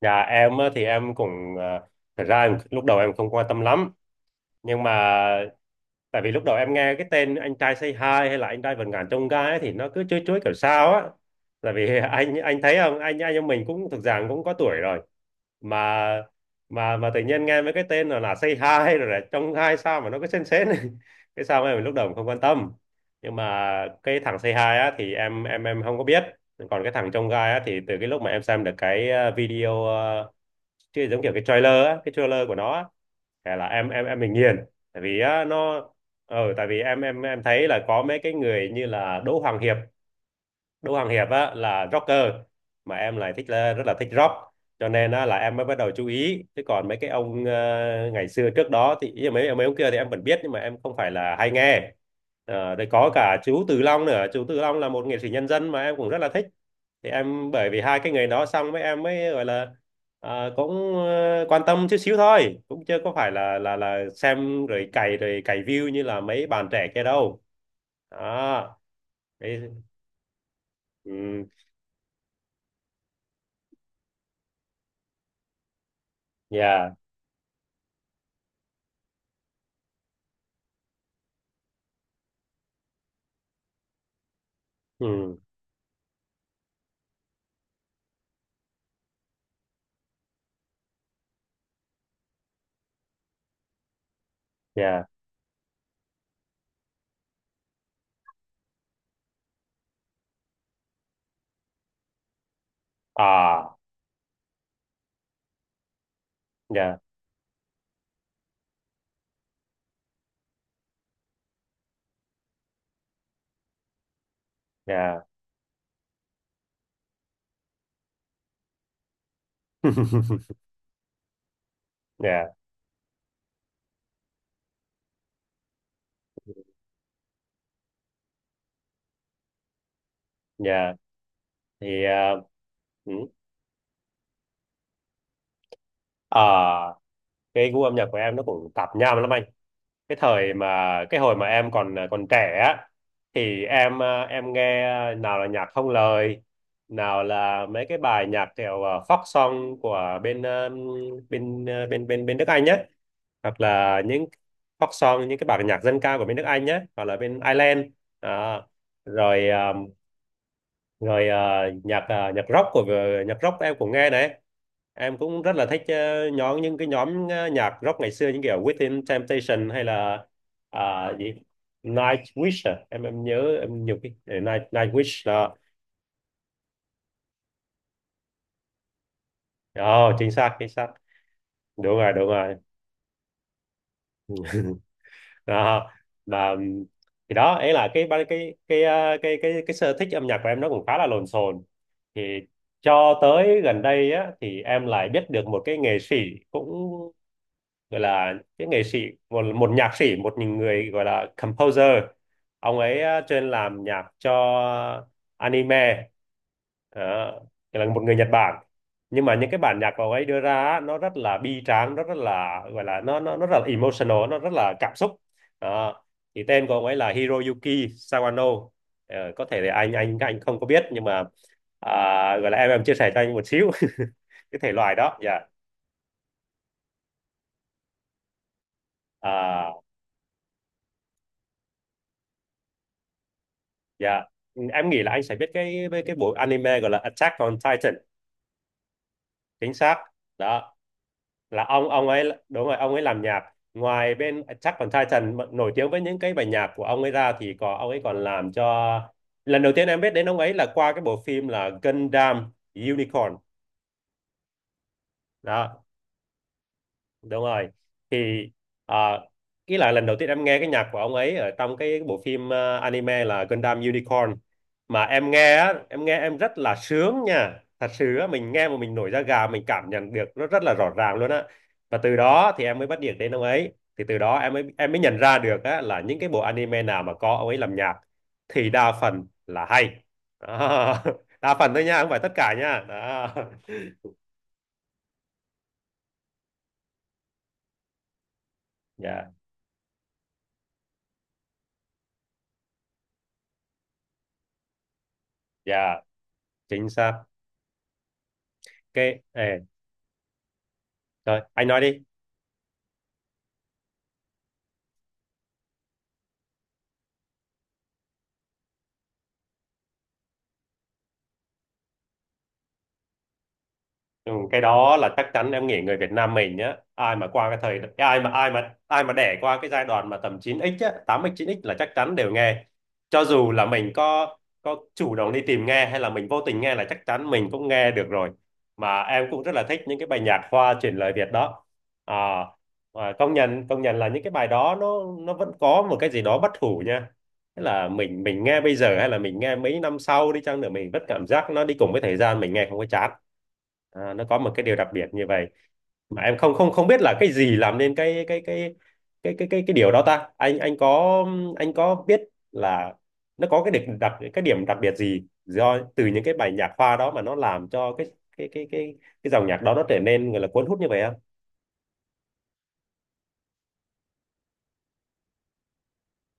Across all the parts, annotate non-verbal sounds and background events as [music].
Dạ em á, thì em cũng lúc đầu em không quan tâm lắm nhưng mà tại vì lúc đầu em nghe cái tên anh trai Say Hi hay là anh trai vượt ngàn chông gai ấy, thì nó cứ chuối chuối kiểu sao á tại vì [laughs] anh thấy không, anh em mình cũng thực ra cũng có tuổi rồi mà mà tự nhiên nghe mấy cái tên là Say Hi rồi là chông gai sao mà nó cứ sến sến [laughs] cái sao em lúc đầu không quan tâm nhưng mà cái thằng Say Hi á thì em không có biết, còn cái thằng chông gai á thì từ cái lúc mà em xem được cái video, chứ giống kiểu cái trailer á, cái trailer của nó á, thế là em bị nghiền tại vì á, nó ừ, tại vì em thấy là có mấy cái người như là Đỗ Hoàng Hiệp, Đỗ Hoàng Hiệp á là rocker mà em lại thích là, rất là thích rock cho nên á, là em mới bắt đầu chú ý chứ còn mấy cái ông ngày xưa trước đó thì ý là mấy mấy ông kia thì em vẫn biết nhưng mà em không phải là hay nghe. Ờ, đây có cả chú Từ Long nữa, chú Từ Long là một nghệ sĩ nhân dân mà em cũng rất là thích thì em bởi vì hai cái nghề đó xong mấy em mới gọi là cũng quan tâm chút xíu thôi cũng chưa có phải là là xem rồi cày view như là mấy bạn trẻ kia đâu đó. Đấy. Ừ, yeah, ừ, yeah, à, yeah, yeah, [laughs] yeah, yeah thì ừ. À, cái gu âm nhạc của em nó cũng tạp nham lắm anh. Cái thời mà cái hồi mà em còn còn trẻ á thì em em nghe nào là nhạc không lời, nào là mấy cái bài nhạc kiểu folk song của bên bên bên nước Anh nhé, hoặc là những folk song, những cái bản nhạc dân ca của bên nước Anh nhé hoặc là bên Ireland. Đó. Rồi rồi nhạc nhạc rock của nhạc rock em cũng nghe này, em cũng rất là thích nhóm những cái nhóm nhạc rock ngày xưa những kiểu Within Temptation hay là à, gì Nightwish à? Em nhớ em nhiều cái Nightwish đó. Oh, chính xác chính xác. Đúng rồi đúng rồi. [laughs] Đó mà thì đó ấy là cái cái sở thích âm nhạc của em nó cũng khá là lộn xộn thì cho tới gần đây á thì em lại biết được một cái nghệ sĩ cũng gọi là những nghệ sĩ, một một nhạc sĩ, một người gọi là composer, ông ấy chuyên làm nhạc cho anime. Đó, là một người Nhật Bản nhưng mà những cái bản nhạc của ông ấy đưa ra á, nó rất là bi tráng, nó rất là gọi là nó rất là emotional, nó rất là cảm xúc. Đó. Thì tên của ông ấy là Hiroyuki Sawano. Ờ, có thể là anh không có biết nhưng mà à, gọi là em chia sẻ cho anh một xíu [laughs] cái thể loại đó dạ. À, dạ, ừ, em nghĩ là anh sẽ biết cái với cái bộ anime gọi là Attack on Titan, chính xác. Đó, là ông ấy đúng rồi, ông ấy làm nhạc. Ngoài bên Attack on Titan mà nổi tiếng với những cái bài nhạc của ông ấy ra thì có ông ấy còn làm cho lần đầu tiên em biết đến ông ấy là qua cái bộ phim là Gundam Unicorn. Đó, đúng rồi thì à, ý là lần đầu tiên em nghe cái nhạc của ông ấy ở trong cái bộ phim, anime là Gundam Unicorn mà em nghe á, em nghe em rất là sướng nha, thật sự á, mình nghe mà mình nổi da gà, mình cảm nhận được nó rất là rõ ràng luôn á. Và từ đó thì em mới bắt điện đến ông ấy thì từ đó em mới nhận ra được á, là những cái bộ anime nào mà có ông ấy làm nhạc thì đa phần là hay. Đó. [laughs] Đa phần thôi nha, không phải tất cả nha. Đó dạ, dạ, chính xác. Cái ê, rồi, anh nói đi. Ừ, cái đó là chắc chắn, em nghĩ người Việt Nam mình nhá, ai mà qua cái thời, ai mà đẻ qua cái giai đoạn mà tầm chín x á, 8x chín x là chắc chắn đều nghe cho dù là mình có chủ động đi tìm nghe hay là mình vô tình nghe là chắc chắn mình cũng nghe được rồi, mà em cũng rất là thích những cái bài nhạc hoa chuyển lời Việt đó. à, Công nhận, công nhận là những cái bài đó nó vẫn có một cái gì đó bất hủ nha. Tức là mình nghe bây giờ hay là mình nghe mấy năm sau đi chăng nữa mình vẫn cảm giác nó đi cùng với thời gian, mình nghe không có chán, nó có một cái điều đặc biệt như vậy mà em không không không biết là cái gì làm nên cái điều đó ta, anh có, anh có biết là nó có cái điểm đặc, cái điểm đặc biệt gì do từ những cái bài nhạc khoa đó mà nó làm cho cái cái dòng nhạc đó nó trở nên gọi là cuốn hút như vậy không?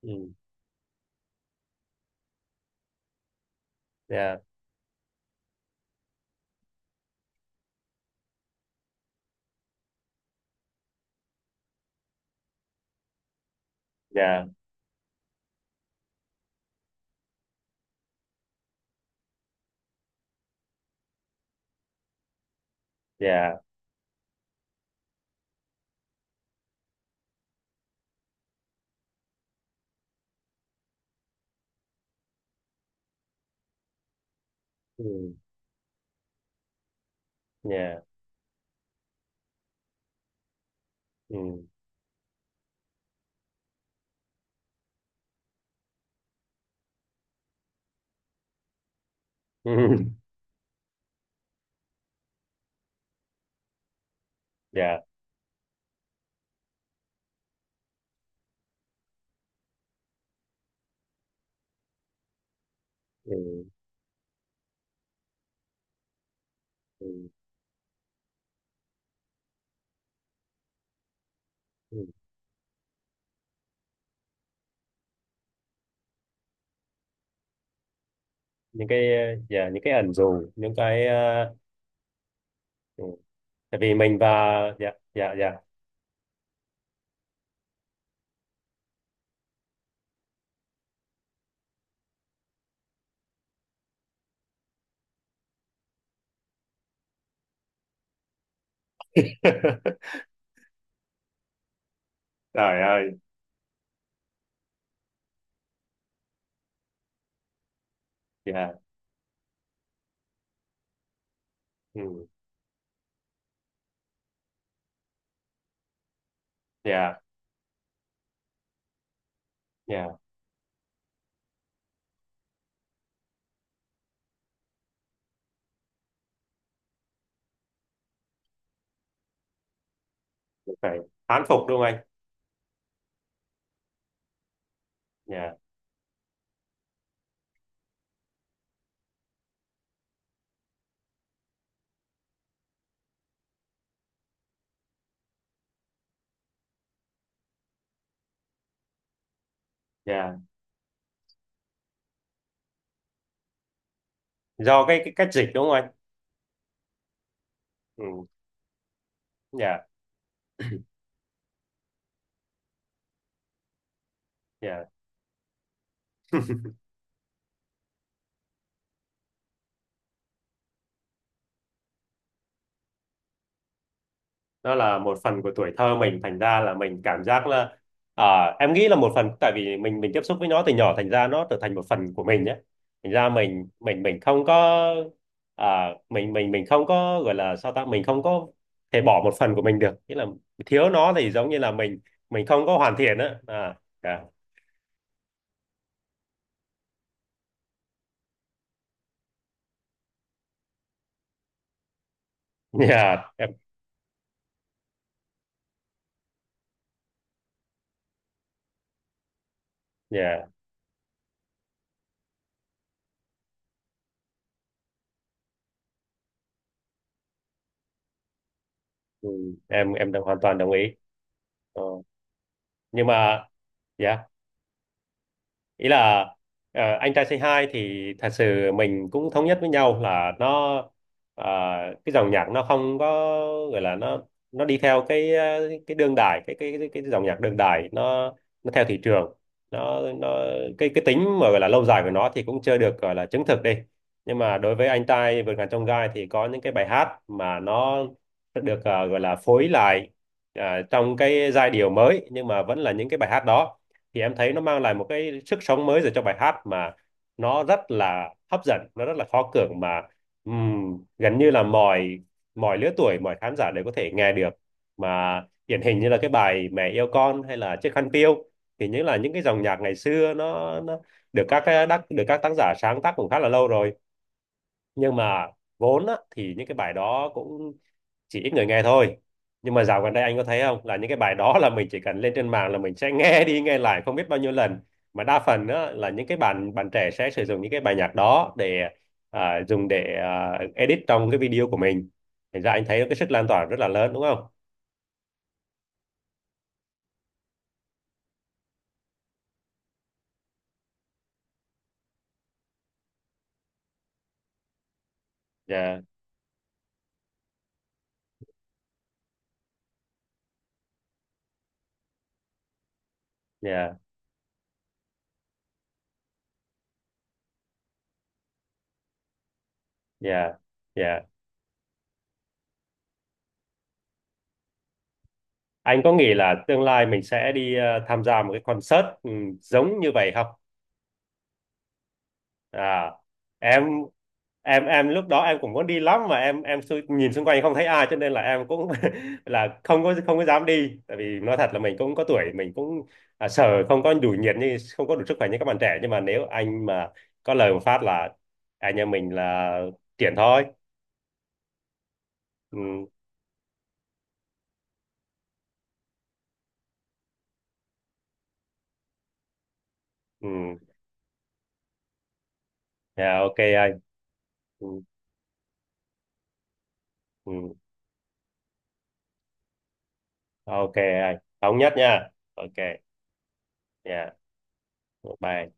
Ừ, dạ, dạ, dạ, ừ, dạ, ừ, ừ, [laughs] dạ, ừ, ừ, ừ. Những cái dạ, những cái ẩn dụ, những cái ừ, tại vì mình và dạ, dạ, dạ. [laughs] Trời ơi, dạ, ừ, dạ, dạ phải, thán phục đúng không anh. Dạ, dạ, do cái cách dịch đúng không anh. Ừ, dạ, dạ, nó là một phần của tuổi thơ mình thành ra là mình cảm giác là à, em nghĩ là một phần tại vì mình tiếp xúc với nó từ nhỏ thành ra nó trở thành một phần của mình nhé, thành ra mình không có mình không có gọi là sao ta, mình không có thể bỏ một phần của mình được, nghĩa là thiếu nó thì giống như là mình không có hoàn thiện á à, yeah. Yeah, [laughs] em yeah. Ừ, em đồng hoàn toàn đồng ý. Ờ, nhưng mà yeah, ý là anh trai Say Hi thì thật sự mình cũng thống nhất với nhau là nó ờ, cái dòng nhạc nó không có gọi là nó đi theo cái cái đương đại cái dòng nhạc đương đại nó theo thị trường, nó cái tính mà gọi là lâu dài của nó thì cũng chưa được gọi là chứng thực đi, nhưng mà đối với anh trai vượt ngàn chông gai thì có những cái bài hát mà nó được gọi là phối lại trong cái giai điệu mới nhưng mà vẫn là những cái bài hát đó thì em thấy nó mang lại một cái sức sống mới rồi cho bài hát mà nó rất là hấp dẫn, nó rất là khó cưỡng mà gần như là mọi mọi lứa tuổi, mọi khán giả đều có thể nghe được mà điển hình như là cái bài Mẹ yêu con hay là Chiếc khăn piêu thì những là những cái dòng nhạc ngày xưa nó được các cái đắc được các tác giả sáng tác cũng khá là lâu rồi, nhưng mà vốn á, thì những cái bài đó cũng chỉ ít người nghe thôi, nhưng mà dạo gần đây anh có thấy không là những cái bài đó là mình chỉ cần lên trên mạng là mình sẽ nghe đi nghe lại không biết bao nhiêu lần mà đa phần á, là những cái bạn bạn trẻ sẽ sử dụng những cái bài nhạc đó để dùng để edit trong cái video của mình, thành ra anh thấy cái sức lan tỏa rất là lớn đúng không, dạ, dạ, dạ, dạ, anh có nghĩ là tương lai mình sẽ đi tham gia một cái concert ừ, giống như vậy không, à em, em lúc đó em cũng muốn đi lắm mà em xu- nhìn xung quanh không thấy ai cho nên là em cũng [laughs] là không có dám đi tại vì nói thật là mình cũng có tuổi, mình cũng sợ không có đủ nhiệt như không có đủ sức khỏe như các bạn trẻ nhưng mà nếu anh mà có lời một phát là anh em mình là triển thôi. Ừ, ừ. Dạ, ok anh. Ừ, ừ. Ok anh, thống nhất nha. Ok dạ bye.